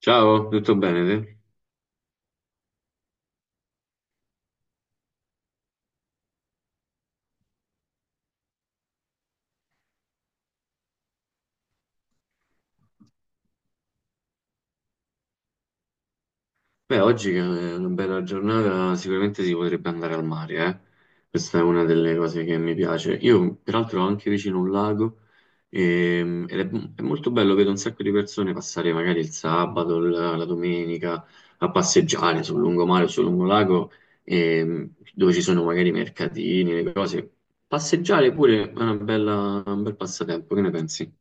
Ciao, tutto bene te? Beh, oggi che è una bella giornata, sicuramente si potrebbe andare al mare, eh? Questa è una delle cose che mi piace. Io, peraltro, ho anche vicino un lago, ed è molto bello, vedo un sacco di persone passare magari il sabato, la domenica, a passeggiare sul lungomare o sul lungolago, dove ci sono magari i mercatini, le cose. Passeggiare pure è un bel passatempo, che ne pensi?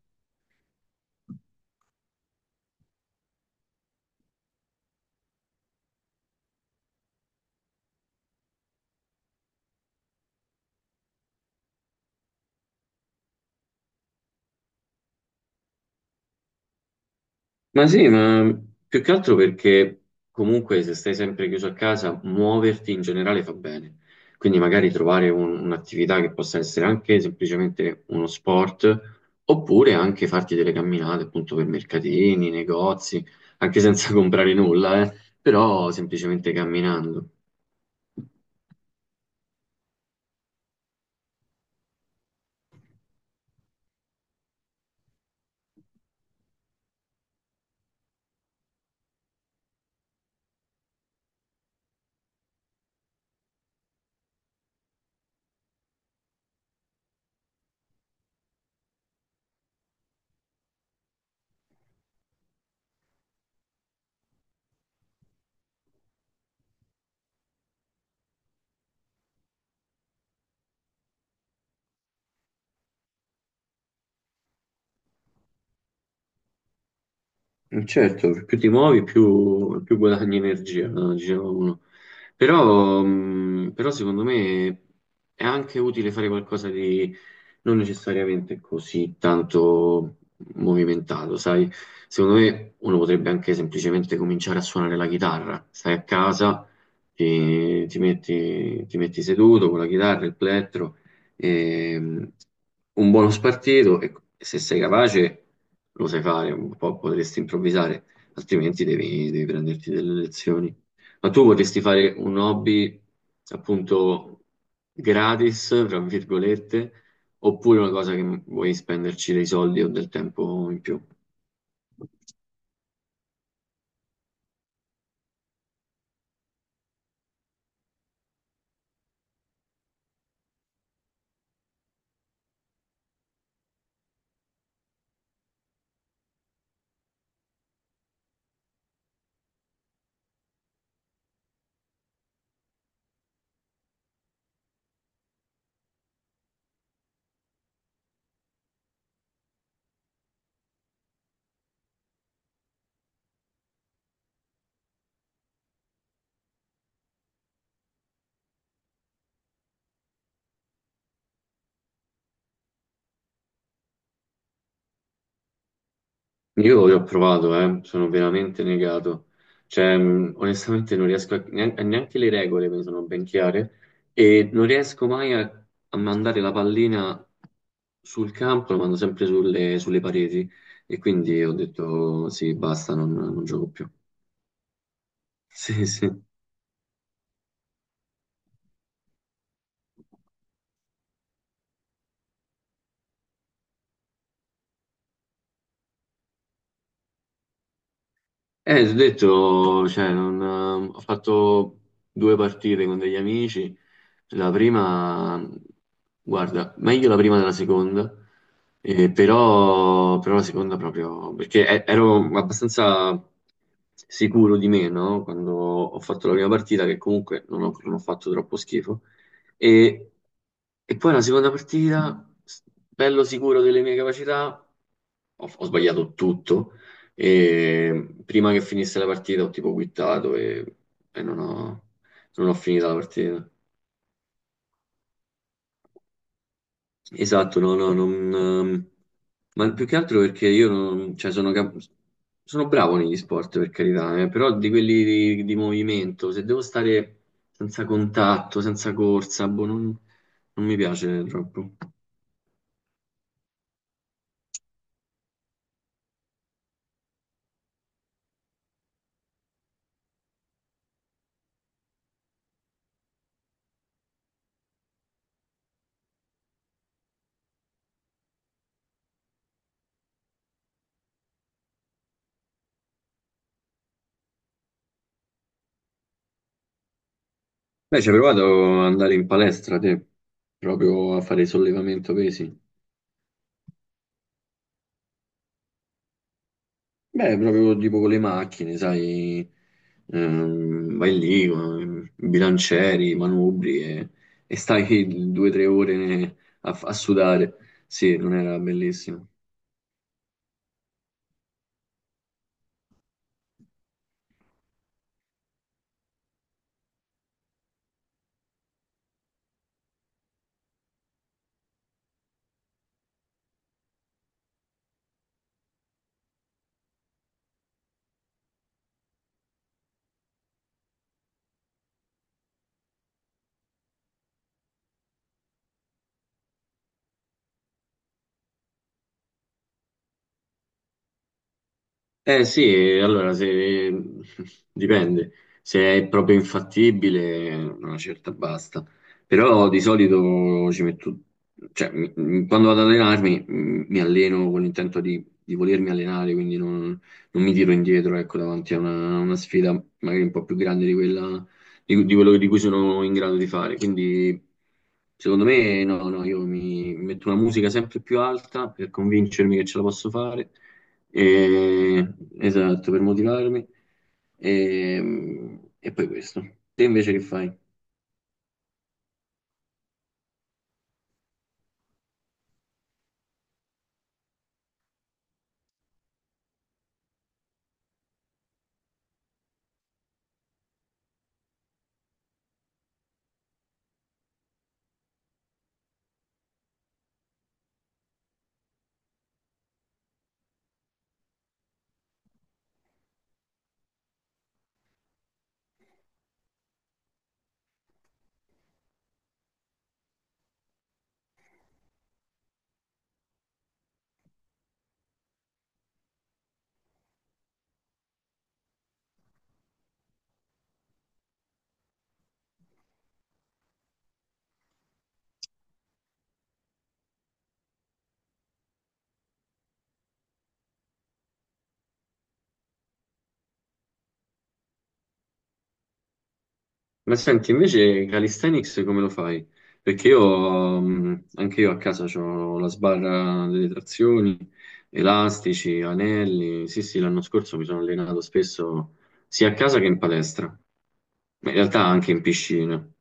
Ma sì, ma più che altro perché comunque se stai sempre chiuso a casa, muoverti in generale fa bene. Quindi magari trovare un'attività che possa essere anche semplicemente uno sport, oppure anche farti delle camminate appunto per mercatini, negozi, anche senza comprare nulla, però semplicemente camminando. Certo, più ti muovi, più guadagni energia, no? Diceva uno. Però, però secondo me è anche utile fare qualcosa di non necessariamente così tanto movimentato, sai? Secondo me uno potrebbe anche semplicemente cominciare a suonare la chitarra. Stai a casa, ti metti seduto con la chitarra, il plettro, e un buono spartito e se sei capace lo sai fare, un po' potresti improvvisare, altrimenti devi prenderti delle lezioni. Ma tu vorresti fare un hobby appunto gratis, tra virgolette, oppure una cosa che vuoi spenderci dei soldi o del tempo in più. Io ho provato, sono veramente negato. Cioè, onestamente non riesco neanche le regole mi sono ben chiare e non riesco mai a mandare la pallina sul campo, la mando sempre sulle pareti e quindi ho detto sì, basta, non gioco più. Sì, sì. Ti ho detto, cioè, non, ho fatto due partite con degli amici. La prima, guarda, meglio la prima della seconda, però la seconda proprio, perché ero abbastanza sicuro di me, no? Quando ho fatto la prima partita, che comunque non ho fatto troppo schifo. E, e poi la seconda partita, bello sicuro delle mie capacità, ho sbagliato tutto e prima che finisse la partita ho tipo quittato e, e non ho, non ho finito la partita. Esatto, no, no, non, ma più che altro perché io non, cioè, sono bravo negli sport per carità, però di quelli di movimento, se devo stare senza contatto, senza corsa, boh, non mi piace troppo. Beh, ci hai provato ad andare in palestra te, proprio a fare sollevamento pesi. Beh, proprio tipo con le macchine, sai, vai lì con i bilancieri, i manubri e stai due o tre ore a sudare. Sì, non era bellissimo. Eh sì, allora se dipende, se è proprio infattibile, una certa basta. Però di solito ci metto, cioè quando vado ad allenarmi mi alleno con l'intento di volermi allenare, quindi non, non mi tiro indietro, ecco, davanti a una sfida magari un po' più grande di quella, di quello di cui sono in grado di fare. Quindi secondo me no, no, io mi metto una musica sempre più alta per convincermi che ce la posso fare, eh, esatto, per motivarmi. E, poi questo. Te invece che fai? Ma senti, invece calisthenics come lo fai? Perché io, anche io a casa ho la sbarra delle trazioni, elastici, anelli. Sì, sì, l'anno scorso mi sono allenato spesso sia a casa che in palestra, ma in realtà anche in piscina.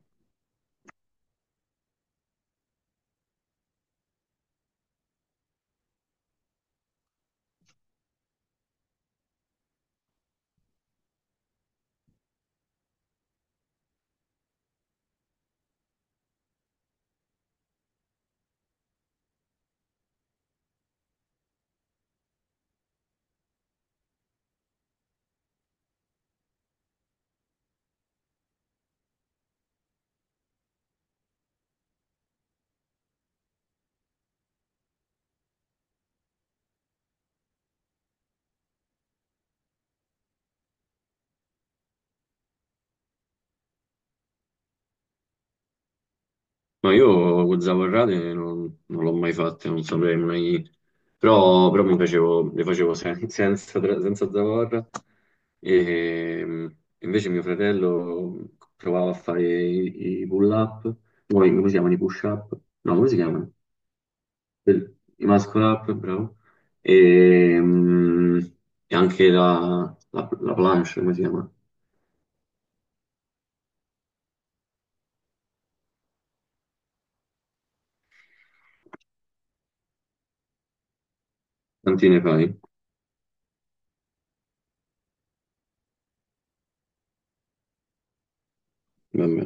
Ma io con zavorrate non l'ho mai fatte, non saprei mai, però, le facevo sen- senza, tra- senza zavorra e invece mio fratello provava a fare i pull-up, poi come si chiamano i push-up? No, come si chiamano? I muscle-up, bravo, e, mh, e anche la planche, come si chiama? Quanti ne fai? Vabbè.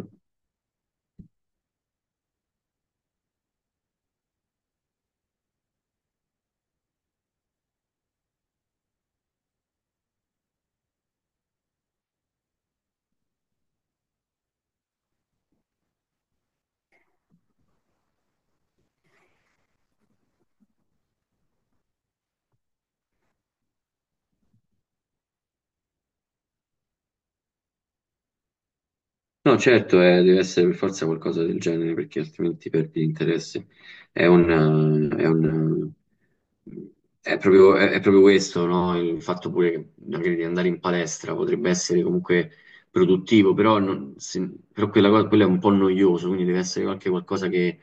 No, certo, deve essere per forza qualcosa del genere, perché altrimenti perdi l'interesse. È un, è un, eh, è proprio, è proprio questo, no? Il fatto pure che magari di andare in palestra potrebbe essere comunque produttivo, però, però quella, quello è un po' noioso, quindi deve essere qualche qualcosa che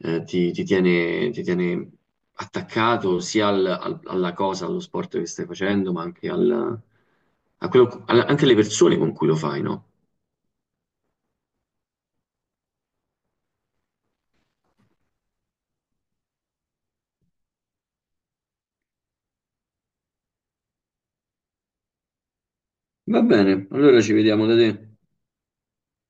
ti tiene attaccato sia alla cosa, allo sport che stai facendo, ma anche, anche alle persone con cui lo fai, no? Va bene, allora ci vediamo da te.